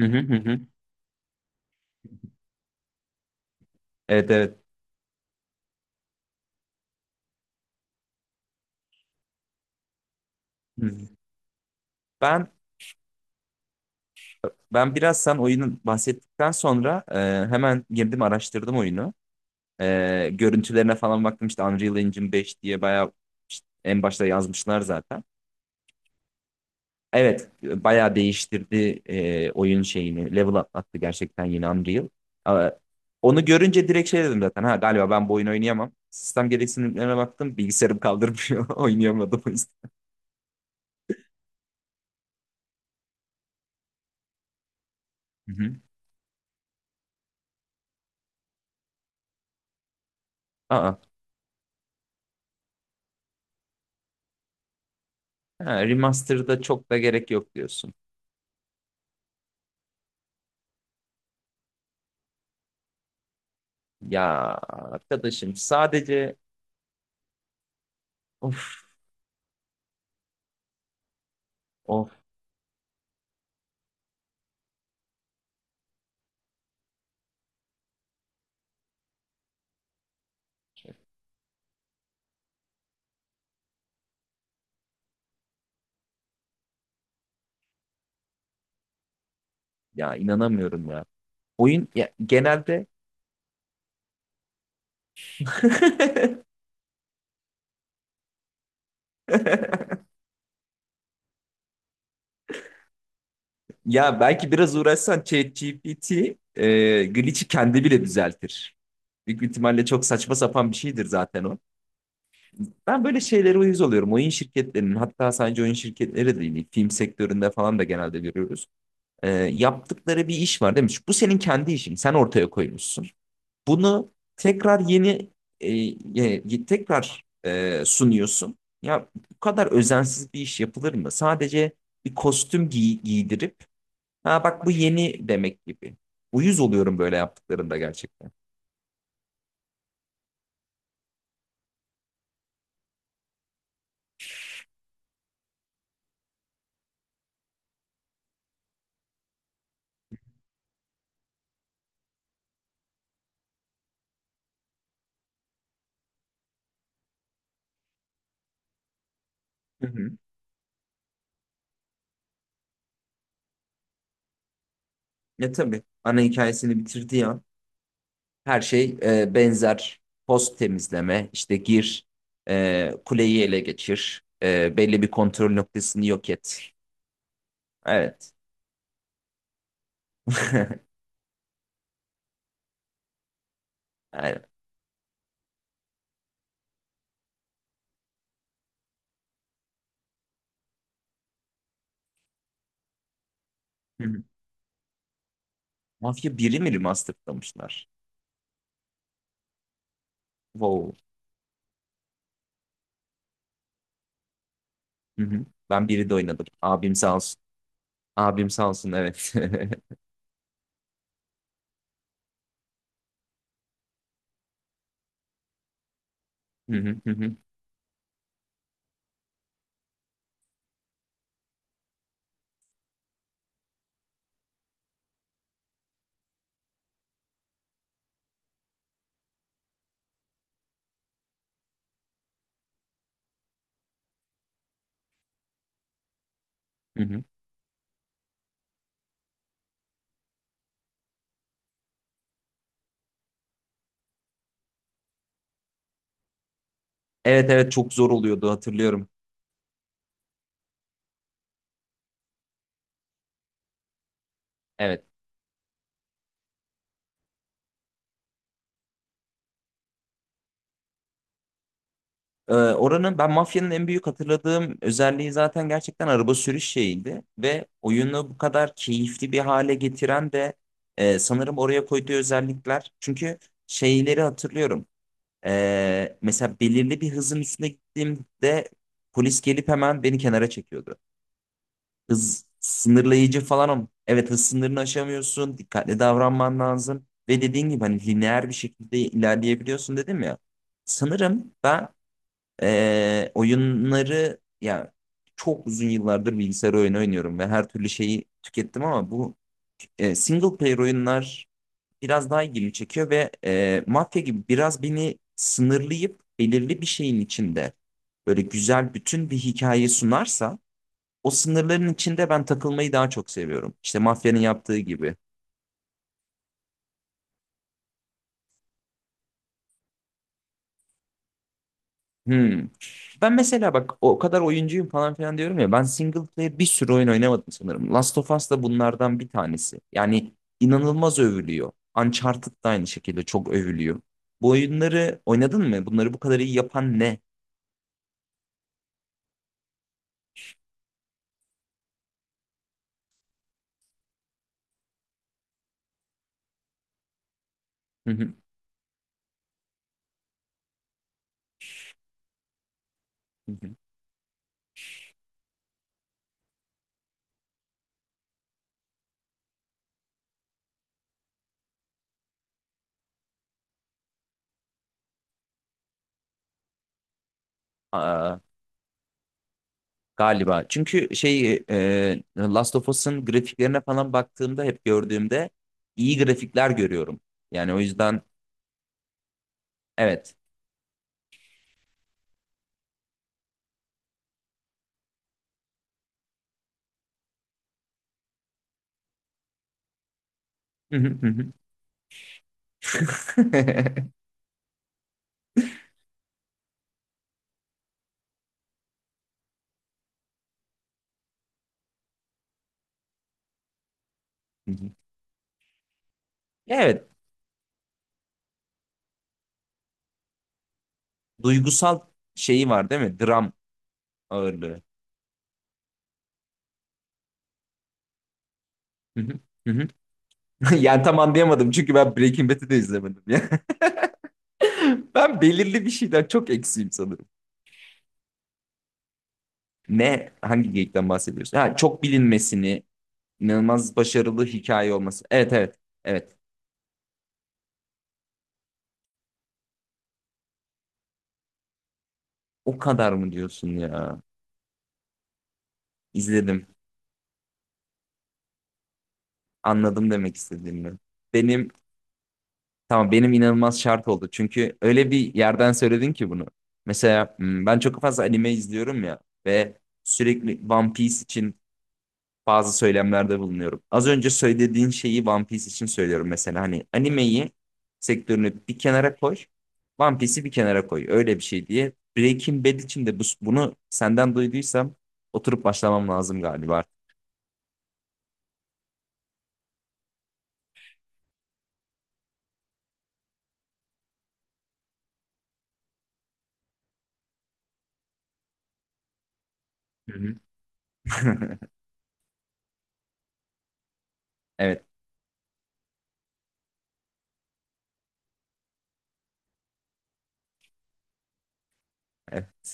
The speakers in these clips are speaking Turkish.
Hı hı. Evet, evet. Hı. Ben ben biraz sen oyunun bahsettikten sonra hemen girdim, araştırdım oyunu. Görüntülerine falan baktım, işte Unreal Engine 5 diye bayağı işte en başta yazmışlar zaten. Evet, bayağı değiştirdi oyun şeyini. Level atlattı gerçekten yine Unreal. E, Onu görünce direkt şey dedim zaten. Ha, galiba ben bu oyunu oynayamam. Sistem gereksinimlerine baktım. Bilgisayarım kaldırmıyor. Oynayamadım o yüzden. Hı hı. Aa, ha, remaster'da çok da gerek yok. Ya arkadaşım sadece of of, ya inanamıyorum ya. Oyun ya, genelde ya belki biraz uğraşsan ChatGPT glitch'i kendi bile düzeltir. Büyük bir ihtimalle çok saçma sapan bir şeydir zaten o. Ben böyle şeylere uyuz oluyorum. Oyun şirketlerinin, hatta sadece oyun şirketleri değil, film sektöründe falan da genelde görüyoruz. Yaptıkları bir iş var demiş. Bu senin kendi işin. Sen ortaya koymuşsun. Bunu tekrar yeni, e, sunuyorsun. Ya bu kadar özensiz bir iş yapılır mı? Sadece bir kostüm giy- giydirip, ha bak bu yeni demek gibi. Uyuz oluyorum böyle yaptıklarında gerçekten. Hı hı. Ya tabii ana hikayesini bitirdiği an her şey benzer. Post temizleme, işte gir, kuleyi ele geçir, belli bir kontrol noktasını yok et. Evet. Aynen. Mafya biri mi remasterlamışlar? Wow. Hı hı. Ben biri de oynadım. Abim sağ olsun. Abim sağ olsun, evet. Hı hı hı hı hı hı. Evet, evet, çok zor oluyordu, hatırlıyorum. Evet. Oranın, ben mafyanın en büyük hatırladığım özelliği zaten gerçekten araba sürüş şeyiydi. Ve oyunu bu kadar keyifli bir hale getiren de sanırım oraya koyduğu özellikler. Çünkü şeyleri hatırlıyorum. Mesela belirli bir hızın üstüne gittiğimde polis gelip hemen beni kenara çekiyordu. Hız sınırlayıcı falan, ama evet, hız sınırını aşamıyorsun. Dikkatli davranman lazım. Ve dediğin gibi hani lineer bir şekilde ilerleyebiliyorsun, dedim ya. Sanırım ben oyunları ya çok uzun yıllardır bilgisayar oyunu oynuyorum ve her türlü şeyi tükettim, ama bu single player oyunlar biraz daha ilgimi çekiyor ve mafya gibi biraz beni sınırlayıp belirli bir şeyin içinde böyle güzel bütün bir hikaye sunarsa o sınırların içinde ben takılmayı daha çok seviyorum. İşte mafyanın yaptığı gibi. Hmm. Ben mesela bak o kadar oyuncuyum falan filan diyorum ya, ben single player bir sürü oyun oynamadım sanırım. Last of Us da bunlardan bir tanesi. Yani inanılmaz övülüyor. Uncharted da aynı şekilde çok övülüyor. Bu oyunları oynadın mı? Bunları bu kadar iyi yapan ne? Hı hı, hı hı. Aa, galiba. Çünkü şey, Last of Us'ın grafiklerine falan baktığımda, hep gördüğümde iyi grafikler görüyorum. Yani o yüzden, evet. Hı hı. Hı hı. Evet, duygusal şeyi var değil mi? Dram ağırlığı. Hı hı, hı hı. Yani tam anlayamadım, çünkü ben Breaking Bad'i de izlemedim ya. Ben belirli bir şeyden çok eksiğim sanırım. Ne? Hangi geyikten bahsediyorsun? Ha, çok bilinmesini, inanılmaz başarılı hikaye olması. Evet, evet. Evet. O kadar mı diyorsun ya? İzledim. Anladım demek istediğini. Benim Tamam, benim inanılmaz şart oldu. Çünkü öyle bir yerden söyledin ki bunu. Mesela hmm, ben çok fazla anime izliyorum ya ve sürekli One Piece için bazı söylemlerde bulunuyorum. Az önce söylediğin şeyi One Piece için söylüyorum mesela. Hani animeyi, sektörünü bir kenara koy, One Piece'i bir kenara koy. Öyle bir şey diye. Breaking Bad için de bu, bunu senden duyduysam oturup başlamam lazım galiba. Hı hı. Evet. Evet.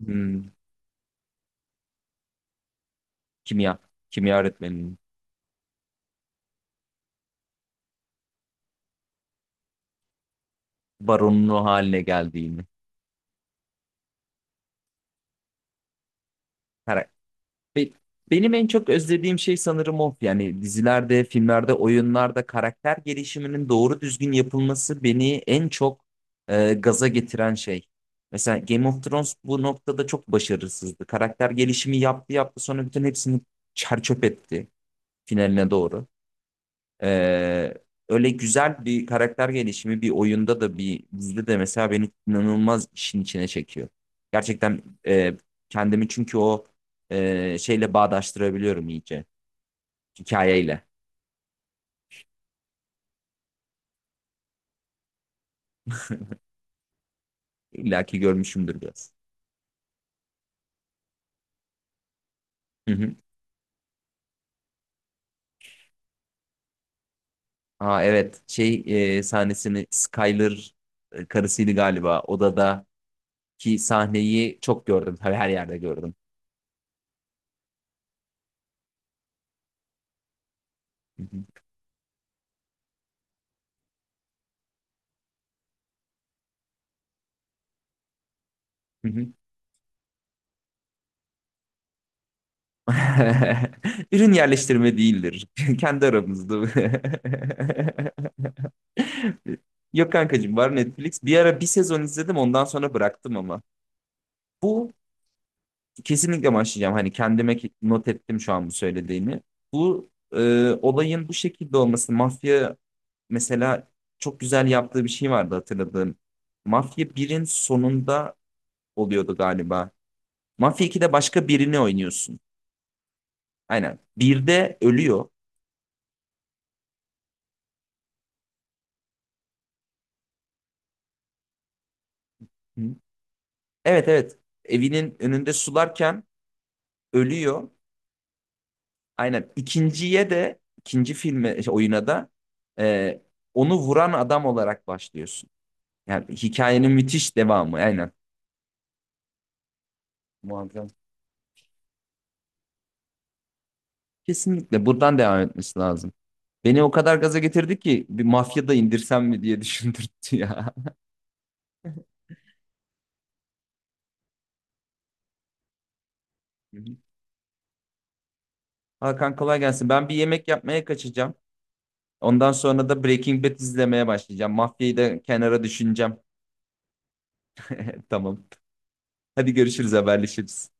Hmm, kimya. Kimya öğretmeninin baronluğu haline geldiğini. Her- Be- Benim en çok özlediğim şey sanırım o. Yani dizilerde, filmlerde, oyunlarda karakter gelişiminin doğru düzgün yapılması beni en çok gaza getiren şey. Mesela Game of Thrones bu noktada çok başarısızdı. Karakter gelişimi yaptı yaptı, sonra bütün hepsini çer çöp etti finaline doğru. Ee, öyle güzel bir karakter gelişimi bir oyunda da bir dizide de mesela beni inanılmaz işin içine çekiyor. Gerçekten kendimi, çünkü o şeyle bağdaştırabiliyorum iyice hikayeyle. İlla ki görmüşümdür biraz. Hı hı. Aa, evet, şey, sahnesini, Skyler karısıydı galiba, odadaki sahneyi çok gördüm. Tabii her yerde gördüm. Hı hı. Hı hı. Ürün yerleştirme değildir. Kendi aramızda bu. Yok kankacığım, var Netflix. Bir ara bir sezon izledim, ondan sonra bıraktım ama. Bu kesinlikle başlayacağım. Hani kendime ki- not ettim şu an bu söylediğini. Bu olayın bu şekilde olması. Mafya mesela çok güzel yaptığı bir şey vardı, hatırladığım. Mafya birin sonunda oluyordu galiba. Mafya 2'de başka birini oynuyorsun. Aynen. 1'de ölüyor. Evet, evet. Evinin önünde sularken ölüyor. Aynen. İkinciye de, ikinci filme şey, oyuna da e, onu vuran adam olarak başlıyorsun. Yani hikayenin müthiş devamı. Aynen. Muazzam. Kesinlikle buradan devam etmesi lazım. Beni o kadar gaza getirdi ki bir mafya da indirsem mi diye düşündürttü ya. Hı hı. Hakan, kolay gelsin. Ben bir yemek yapmaya kaçacağım. Ondan sonra da Breaking Bad izlemeye başlayacağım. Mafyayı da kenara düşüneceğim. Tamam. Hadi görüşürüz, haberleşiriz.